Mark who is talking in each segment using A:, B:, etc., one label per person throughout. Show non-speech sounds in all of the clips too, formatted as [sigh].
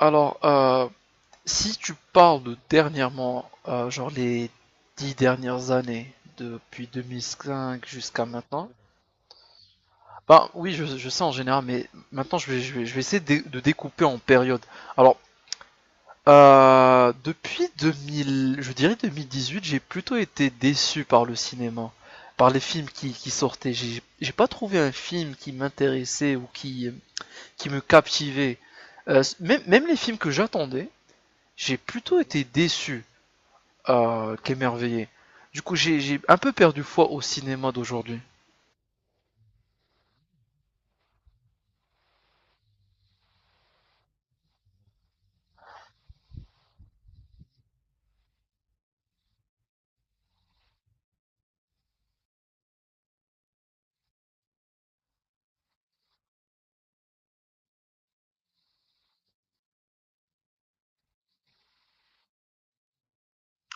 A: Alors, si tu parles de dernièrement, genre les 10 dernières années, depuis 2005 jusqu'à maintenant, bah oui, je sais en général, mais maintenant je vais essayer de découper en périodes. Alors, depuis 2000, je dirais 2018, j'ai plutôt été déçu par le cinéma, par les films qui sortaient. J'ai pas trouvé un film qui m'intéressait ou qui me captivait. Même les films que j'attendais, j'ai plutôt été déçu qu'émerveillé. Du coup, j'ai un peu perdu foi au cinéma d'aujourd'hui.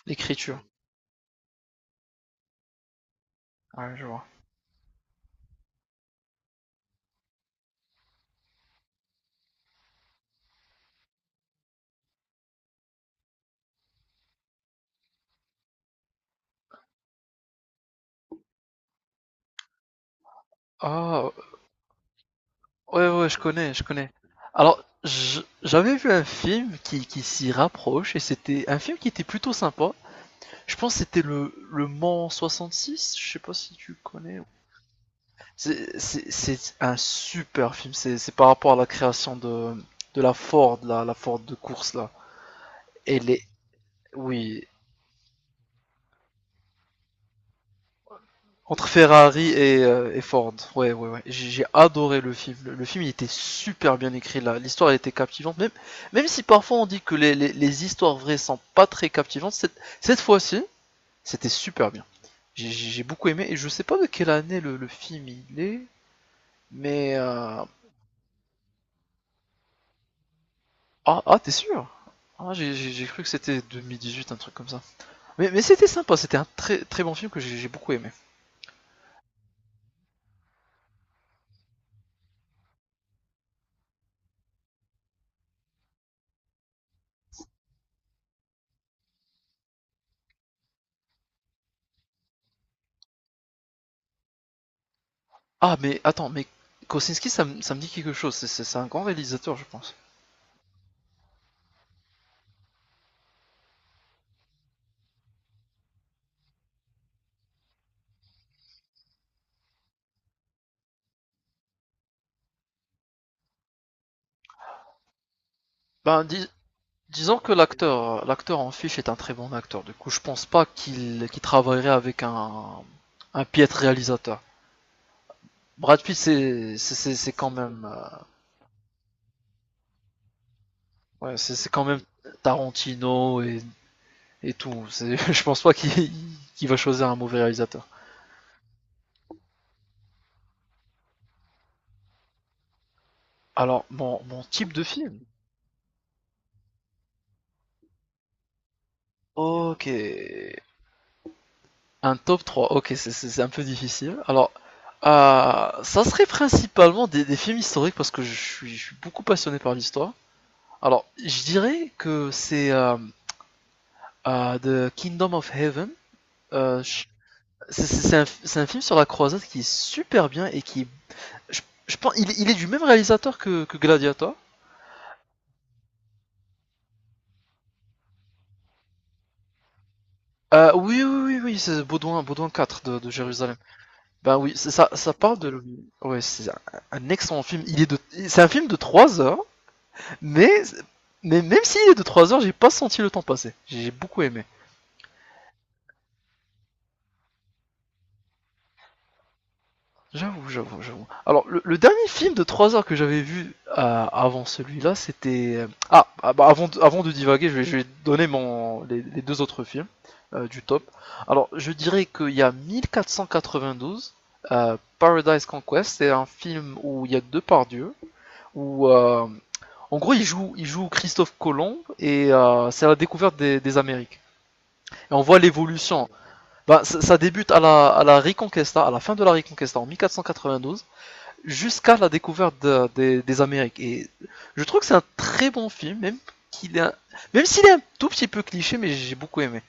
A: L'écriture. Ouais, je vois. Ah, ouais, ouais, je connais, je connais. J'avais vu un film qui s'y rapproche et c'était un film qui était plutôt sympa. Je pense que c'était le Mans 66. Je sais pas si tu connais. C'est un super film. C'est par rapport à la création de la Ford, la Ford de course là. Elle est, oui. Entre Ferrari et Ford. Ouais, ouais, ouais. J'ai adoré le film. Le film, il était super bien écrit là. L'histoire, elle était captivante. Même si parfois on dit que les histoires vraies sont pas très captivantes, cette fois-ci, c'était super bien. J'ai beaucoup aimé. Et je sais pas de quelle année le film il est, mais. Ah, ah t'es sûr? Ah, cru que c'était 2018, un truc comme ça. Mais c'était sympa, c'était un très, très bon film que j'ai beaucoup aimé. Ah, mais attends, mais Kosinski, ça me dit quelque chose. C'est un grand réalisateur, je pense. Ben, dis- Disons que l'acteur, en fiche est un très bon acteur. Du coup, je pense pas qu'il travaillerait avec un piètre réalisateur. Brad Pitt, c'est quand même ouais, c'est quand même Tarantino et tout. [laughs] Je pense pas qu'il va choisir un mauvais réalisateur. Alors, mon type de film. Ok. Un top 3. Ok, c'est un peu difficile. Alors, ça serait principalement des films historiques parce que je suis beaucoup passionné par l'histoire. Alors, je dirais que c'est The Kingdom of Heaven. Euh, je- c'est c'est c'est un film sur la croisade qui est super bien et qui, je, je pense, il est du même réalisateur que Gladiator. Oui, oui, oui, oui, c'est Baudouin, 4 de Jérusalem. Ben oui, c'est ça, ça parle de. Ouais, c'est un excellent film. C'est un film de 3 heures, mais, mais même s'il est de 3 heures, j'ai pas senti le temps passer. J'ai beaucoup aimé. J'avoue, j'avoue, j'avoue. Alors, le dernier film de 3 heures que j'avais vu avant celui-là, c'était. Ah, ah, bah, avant de divaguer, je vais donner les deux autres films du top. Alors, je dirais qu'il y a 1492, Paradise Conquest, c'est un film où il y a deux pardieux, où. En gros, il joue Christophe Colomb et c'est la découverte des Amériques. Et on voit l'évolution. Ben ça débute à la Reconquista, à la fin de la Reconquista en mille quatre quatre-vingt-douze. Cent quatre-vingt-douze, jusqu'à la découverte des Amériques. Et je trouve que c'est un très bon film, qu'il est un- même s'il est un tout petit peu cliché, mais j'ai beaucoup aimé.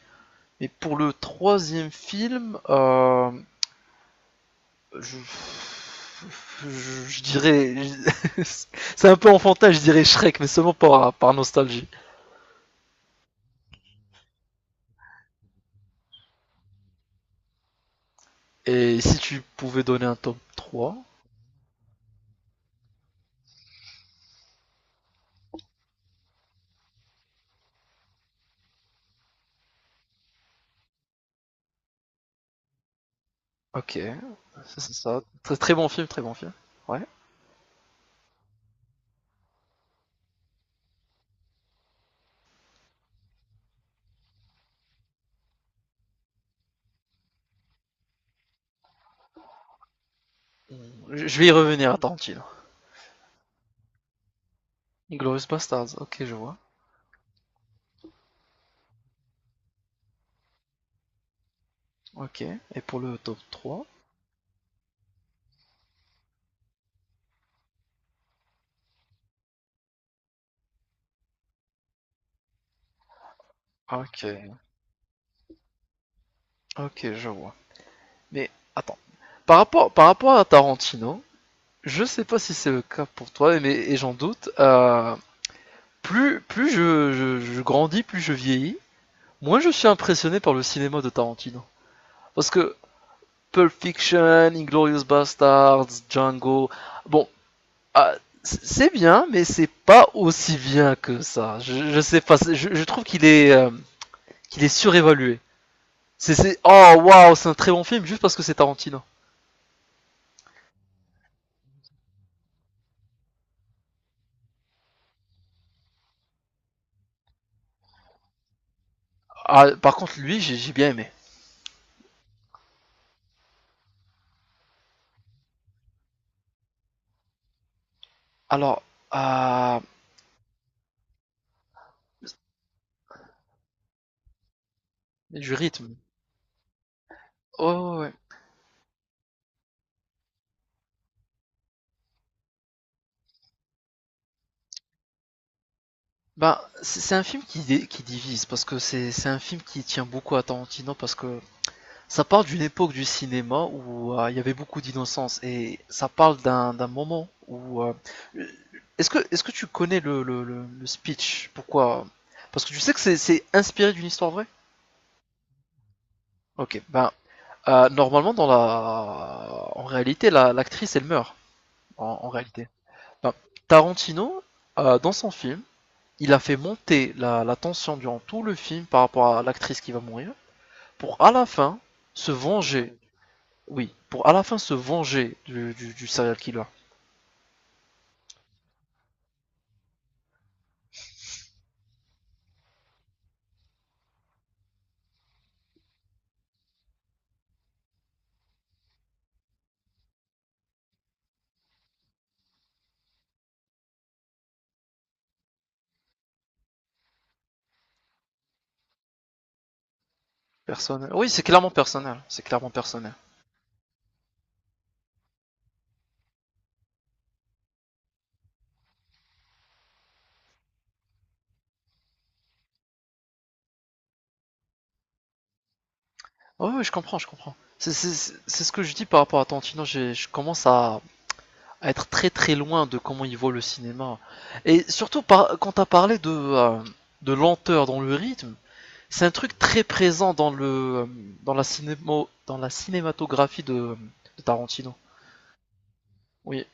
A: Et pour le troisième film, je... je dirais, [laughs] c'est un peu enfantin, je dirais Shrek, mais seulement par nostalgie. Et si tu pouvais donner un top trois. Ok, c'est ça. Très, très bon film, très bon film. Ouais. Je vais y revenir à Tarantino. Glorious Bastards, ok, je vois. Ok. Et pour le top trois. Ok, ok, je vois. Mais attends, par rapport à Tarantino, je sais pas si c'est le cas pour toi, mais et j'en doute. Plus je grandis, plus je vieillis, moins je suis impressionné par le cinéma de Tarantino. Parce que Pulp Fiction, Inglorious Bastards, Django, bon, ah, c'est bien, mais c'est pas aussi bien que ça. Je sais pas, je trouve qu'il est surévalué. C'est oh waouh, c'est un très bon film juste parce que c'est Tarantino. Ah, par contre, lui, j'ai bien aimé. Alors, euh, du rythme. Oh, ouais. Ben, c'est un film qui divise, parce que c'est un film qui tient beaucoup à Tarantino, parce que ça parle d'une époque du cinéma où il y avait beaucoup d'innocence, et ça parle d'un moment où. Est-ce que, tu connais le speech? Pourquoi? Parce que tu sais que c'est inspiré d'une histoire vraie? Ok, ben, normalement, en réalité, l'actrice, elle meurt, en réalité. Enfin, Tarantino, dans son film, il a fait monter la tension durant tout le film par rapport à l'actrice qui va mourir, pour à la fin se venger, oui, pour à la fin se venger du serial killer. Personnel. Oui, c'est clairement personnel, c'est clairement personnel. Oh, oui, je comprends, je comprends. C'est ce que je dis par rapport à Tarantino, je commence à être très très loin de comment il voit le cinéma. Et surtout quand t'as parlé de lenteur dans le rythme. C'est un truc très présent dans le dans la cinémo, dans la cinématographie de Tarantino. Oui,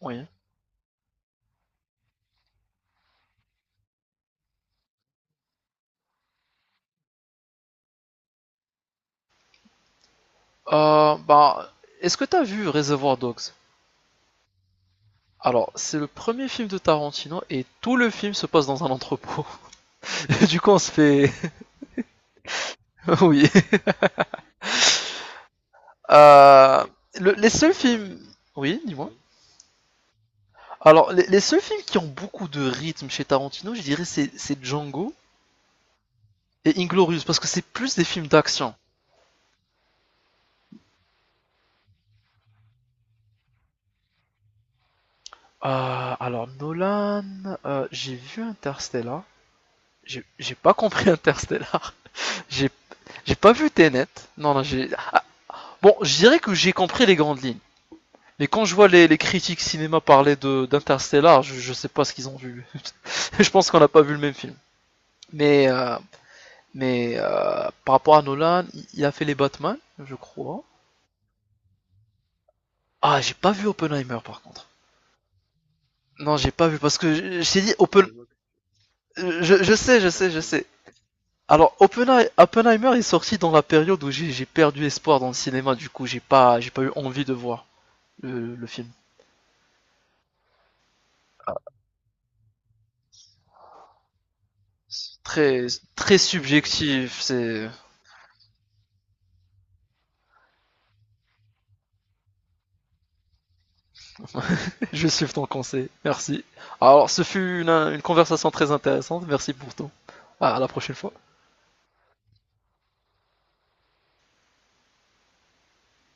A: oui. Bah, est-ce que t'as vu Reservoir Dogs? Alors, c'est le premier film de Tarantino et tout le film se passe dans un entrepôt. [laughs] Du coup, on se fait. [laughs] Oui. Euh, les seuls films. Oui, dis-moi. Alors, les seuls films qui ont beaucoup de rythme chez Tarantino, je dirais, c'est Django et Inglorious, parce que c'est plus des films d'action. Alors Nolan, j'ai vu Interstellar. J'ai pas compris Interstellar. [laughs] J'ai j'ai pas vu Tenet. Non, non, j'ai. Bon, je dirais que j'ai compris les grandes lignes. Mais quand je vois les critiques cinéma parler de d'Interstellar, je sais pas ce qu'ils ont vu. [laughs] Je pense qu'on n'a pas vu le même film. Mais euh, mais par rapport à Nolan, il a fait les Batman, je crois. Ah, j'ai pas vu Oppenheimer par contre. Non, j'ai pas vu parce que je t'ai dit Oppen. Je sais, je sais, je sais. Alors, Oppenheimer est sorti dans la période où j'ai perdu espoir dans le cinéma, du coup, j'ai pas eu envie de voir le film. Très, très subjectif, c'est. [laughs] Je suis ton conseil, merci. Alors, ce fut une conversation très intéressante, merci pour tout. À la prochaine fois.